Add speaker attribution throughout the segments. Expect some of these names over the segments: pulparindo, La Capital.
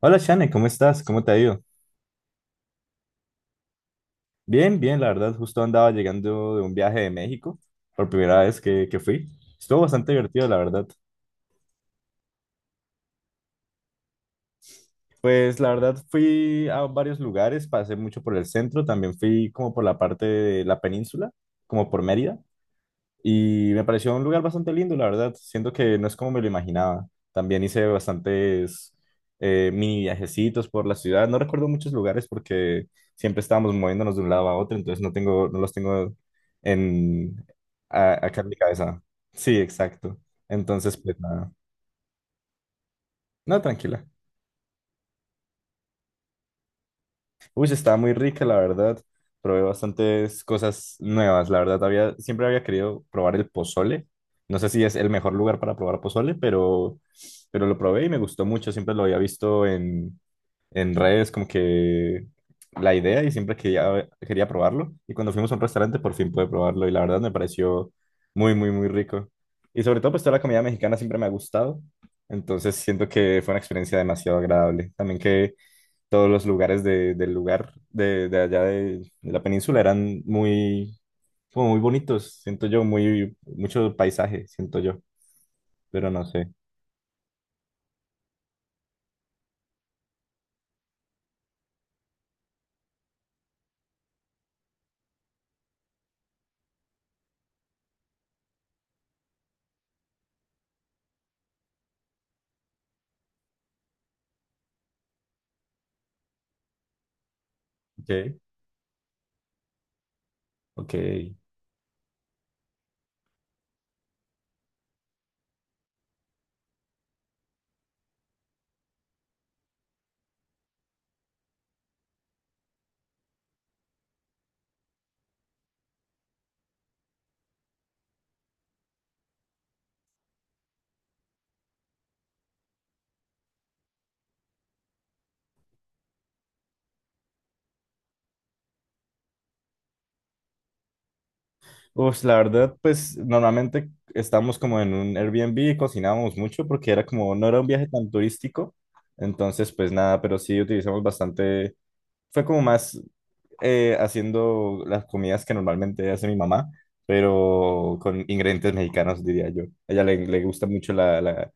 Speaker 1: Hola Shane, ¿cómo estás? ¿Cómo te ha ido? Bien, bien, la verdad, justo andaba llegando de un viaje de México, por primera vez que fui. Estuvo bastante divertido, la verdad. Pues la verdad fui a varios lugares, pasé mucho por el centro, también fui como por la parte de la península, como por Mérida. Y me pareció un lugar bastante lindo, la verdad. Siento que no es como me lo imaginaba. También hice bastantes mini viajecitos por la ciudad. No recuerdo muchos lugares porque siempre estábamos moviéndonos de un lado a otro, entonces no los tengo en, acá en mi cabeza. Sí, exacto. Entonces, pues nada. No, tranquila. Uy, está muy rica, la verdad. Probé bastantes cosas nuevas, la verdad. Siempre había querido probar el pozole. No sé si es el mejor lugar para probar pozole, pero lo probé y me gustó mucho. Siempre lo había visto en redes, como que la idea y siempre quería probarlo. Y cuando fuimos a un restaurante, por fin pude probarlo y la verdad me pareció muy, muy, muy rico. Y sobre todo, pues toda la comida mexicana siempre me ha gustado. Entonces siento que fue una experiencia demasiado agradable. También que todos los lugares del lugar de allá de la península eran muy, como muy bonitos, siento yo, muy, mucho paisaje, siento yo, pero no sé. Okay. Okay. Pues la verdad, pues normalmente estábamos como en un Airbnb y cocinábamos mucho porque era como, no era un viaje tan turístico, entonces pues nada, pero sí utilizamos bastante fue como más haciendo las comidas que normalmente hace mi mamá, pero con ingredientes mexicanos, diría yo. A ella le gusta mucho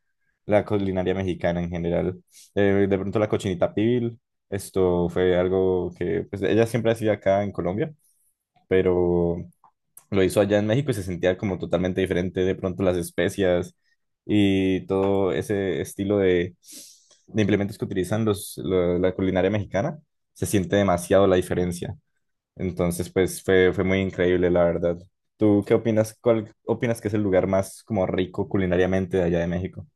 Speaker 1: la culinaria mexicana en general. De pronto la cochinita pibil, esto fue algo que pues, ella siempre hacía acá en Colombia, pero lo hizo allá en México y se sentía como totalmente diferente de pronto las especias y todo ese estilo de implementos que utilizan la culinaria mexicana, se siente demasiado la diferencia. Entonces, fue muy increíble, la verdad. ¿Tú qué opinas? ¿Cuál opinas que es el lugar más como rico culinariamente de allá de México?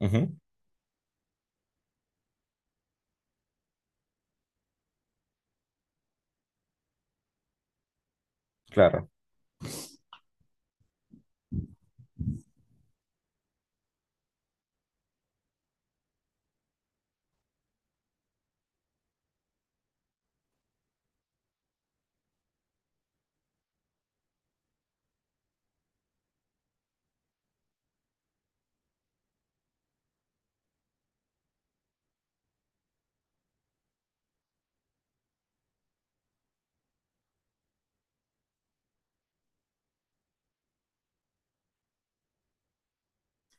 Speaker 1: Ujú, claro.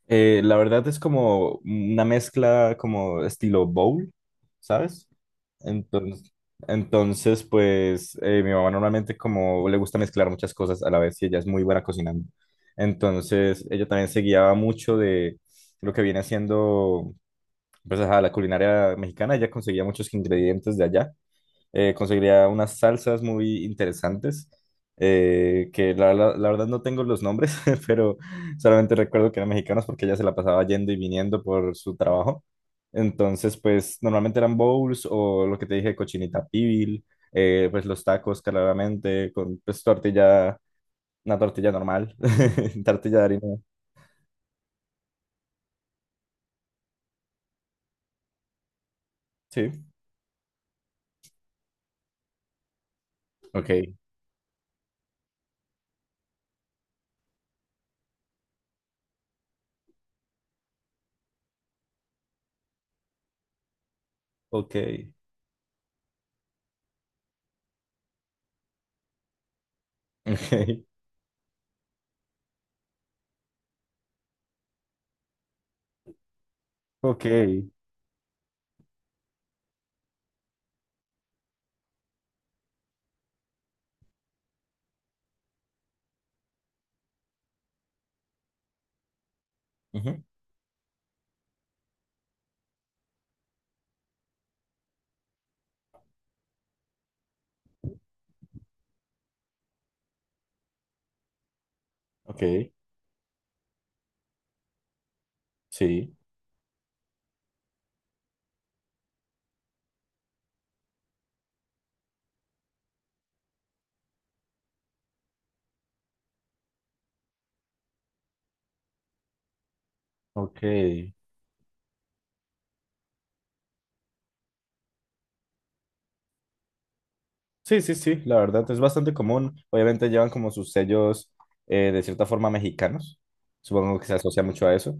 Speaker 1: La verdad es como una mezcla como estilo bowl, ¿sabes? Entonces, entonces pues mi mamá normalmente como le gusta mezclar muchas cosas a la vez y ella es muy buena cocinando. Entonces ella también se guiaba mucho de lo que viene haciendo pues, ajá, la culinaria mexicana. Ella conseguía muchos ingredientes de allá conseguiría unas salsas muy interesantes, que la verdad no tengo los nombres, pero solamente recuerdo que eran mexicanos porque ella se la pasaba yendo y viniendo por su trabajo. Entonces, pues normalmente eran bowls o lo que te dije, cochinita pibil, pues los tacos claramente, con pues tortilla, una tortilla normal, tortilla de harina. Sí, ok, ok, ok, ok, ujú, ok, sí, ok. Sí, sí, sí, la verdad es bastante común. Obviamente llevan como sus sellos de cierta forma mexicanos. Supongo que se asocia mucho a eso,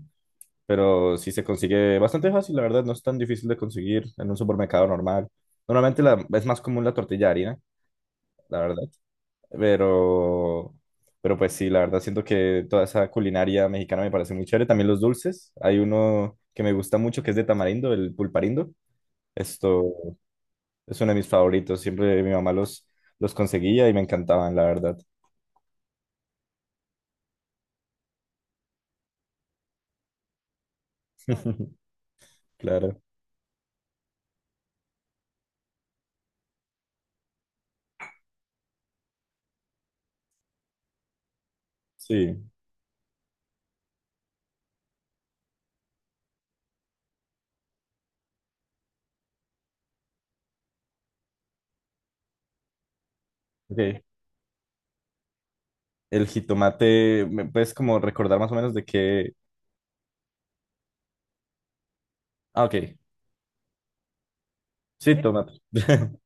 Speaker 1: pero sí se consigue bastante fácil, la verdad, no es tan difícil de conseguir en un supermercado normal. Normalmente la- es más común la tortilla de harina, la verdad, pero, pero pues sí, la verdad siento que toda esa culinaria mexicana me parece muy chévere. También los dulces, hay uno que me gusta mucho que es de tamarindo, el pulparindo. Esto es uno de mis favoritos. Siempre mi mamá los conseguía y me encantaban, la verdad. Claro. Sí. Ok. El jitomate, ¿me puedes como recordar más o menos de qué? Ah, ok. Sí, tomate.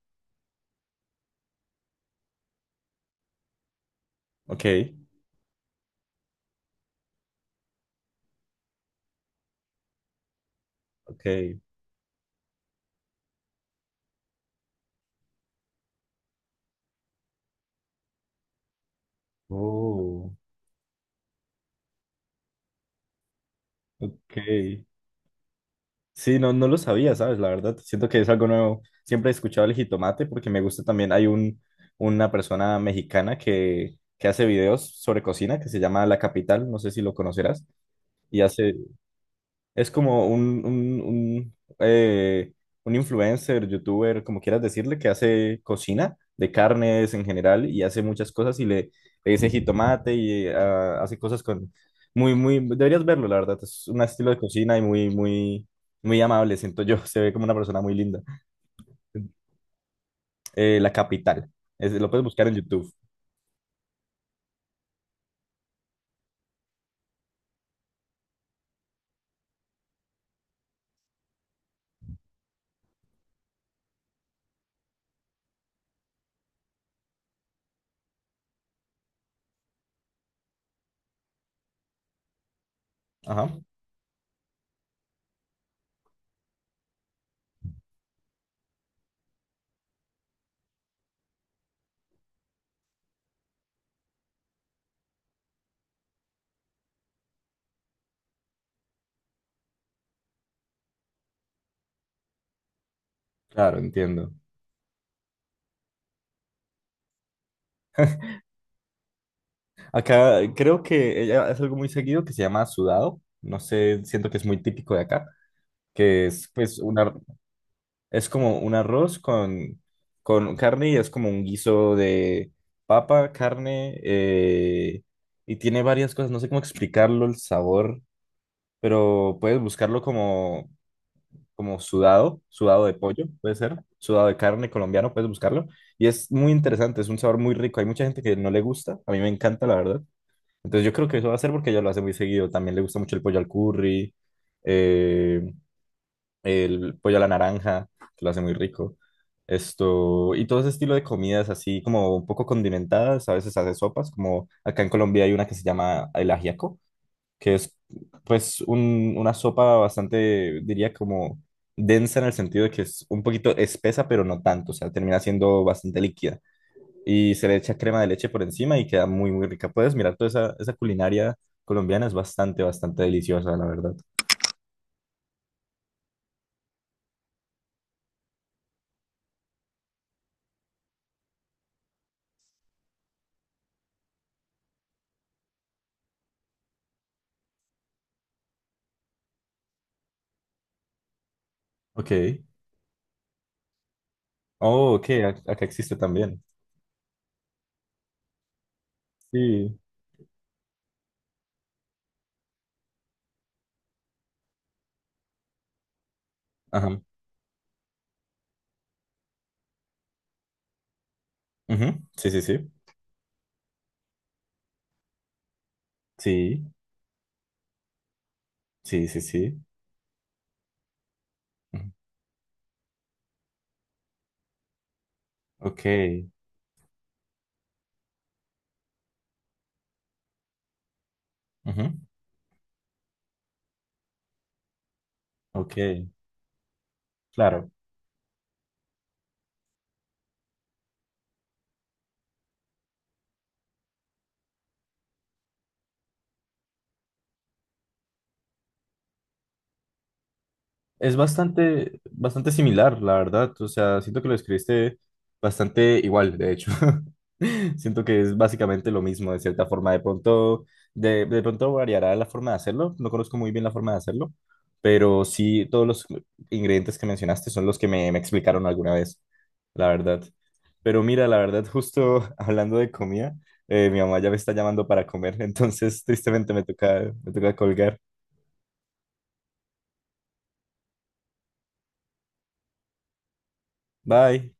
Speaker 1: Ok. Ok. Oh, ok. Sí, no, no lo sabía, ¿sabes? La verdad, siento que es algo nuevo. Siempre he escuchado el jitomate porque me gusta también. Una persona mexicana que hace videos sobre cocina que se llama La Capital, no sé si lo conocerás, y hace, es como un un influencer, youtuber, como quieras decirle, que hace cocina de carnes en general y hace muchas cosas y le dice jitomate y hace cosas con... Muy, muy... Deberías verlo, la verdad. Es un estilo de cocina y muy, muy, muy amable, siento yo. Se ve como una persona muy linda. La Capital. Es- lo puedes buscar en YouTube. Ajá. Claro, entiendo. Acá creo que ella hace algo muy seguido que se llama sudado. No sé, siento que es muy típico de acá. Que es pues un es como un arroz con carne y es como un guiso de papa, carne y tiene varias cosas, no sé cómo explicarlo el sabor, pero puedes buscarlo como sudado, sudado de pollo, puede ser, sudado de carne colombiano, puedes buscarlo y es muy interesante, es un sabor muy rico, hay mucha gente que no le gusta, a mí me encanta la verdad. Entonces yo creo que eso va a ser porque ella lo hace muy seguido, también le gusta mucho el pollo al curry. eh, el pollo a la naranja, que lo hace muy rico. Esto, y todo ese estilo de comidas así como un poco condimentadas, a veces hace sopas, como acá en Colombia hay una que se llama el ajiaco, que es pues una sopa bastante, diría como densa en el sentido de que es un poquito espesa, pero no tanto, o sea, termina siendo bastante líquida. Y se le echa crema de leche por encima y queda muy, muy rica. Puedes mirar toda esa culinaria colombiana, es bastante, bastante deliciosa, la verdad. Ok. Oh, ok, a- acá existe también. Sí. Ajá. Ujú. Sí, sí, sí. Sí, sí, sí, sí. Ujú. Ok. Ujú. Ok. Claro. Es bastante, bastante similar, la verdad. O sea, siento que lo escribiste bastante igual, de hecho. Siento que es básicamente lo mismo, de cierta forma. De pronto variará la forma de hacerlo. No conozco muy bien la forma de hacerlo, pero sí todos los ingredientes que mencionaste son los que me explicaron alguna vez, la verdad. Pero mira, la verdad, justo hablando de comida, mi mamá ya me está llamando para comer, entonces tristemente me toca colgar. Bye.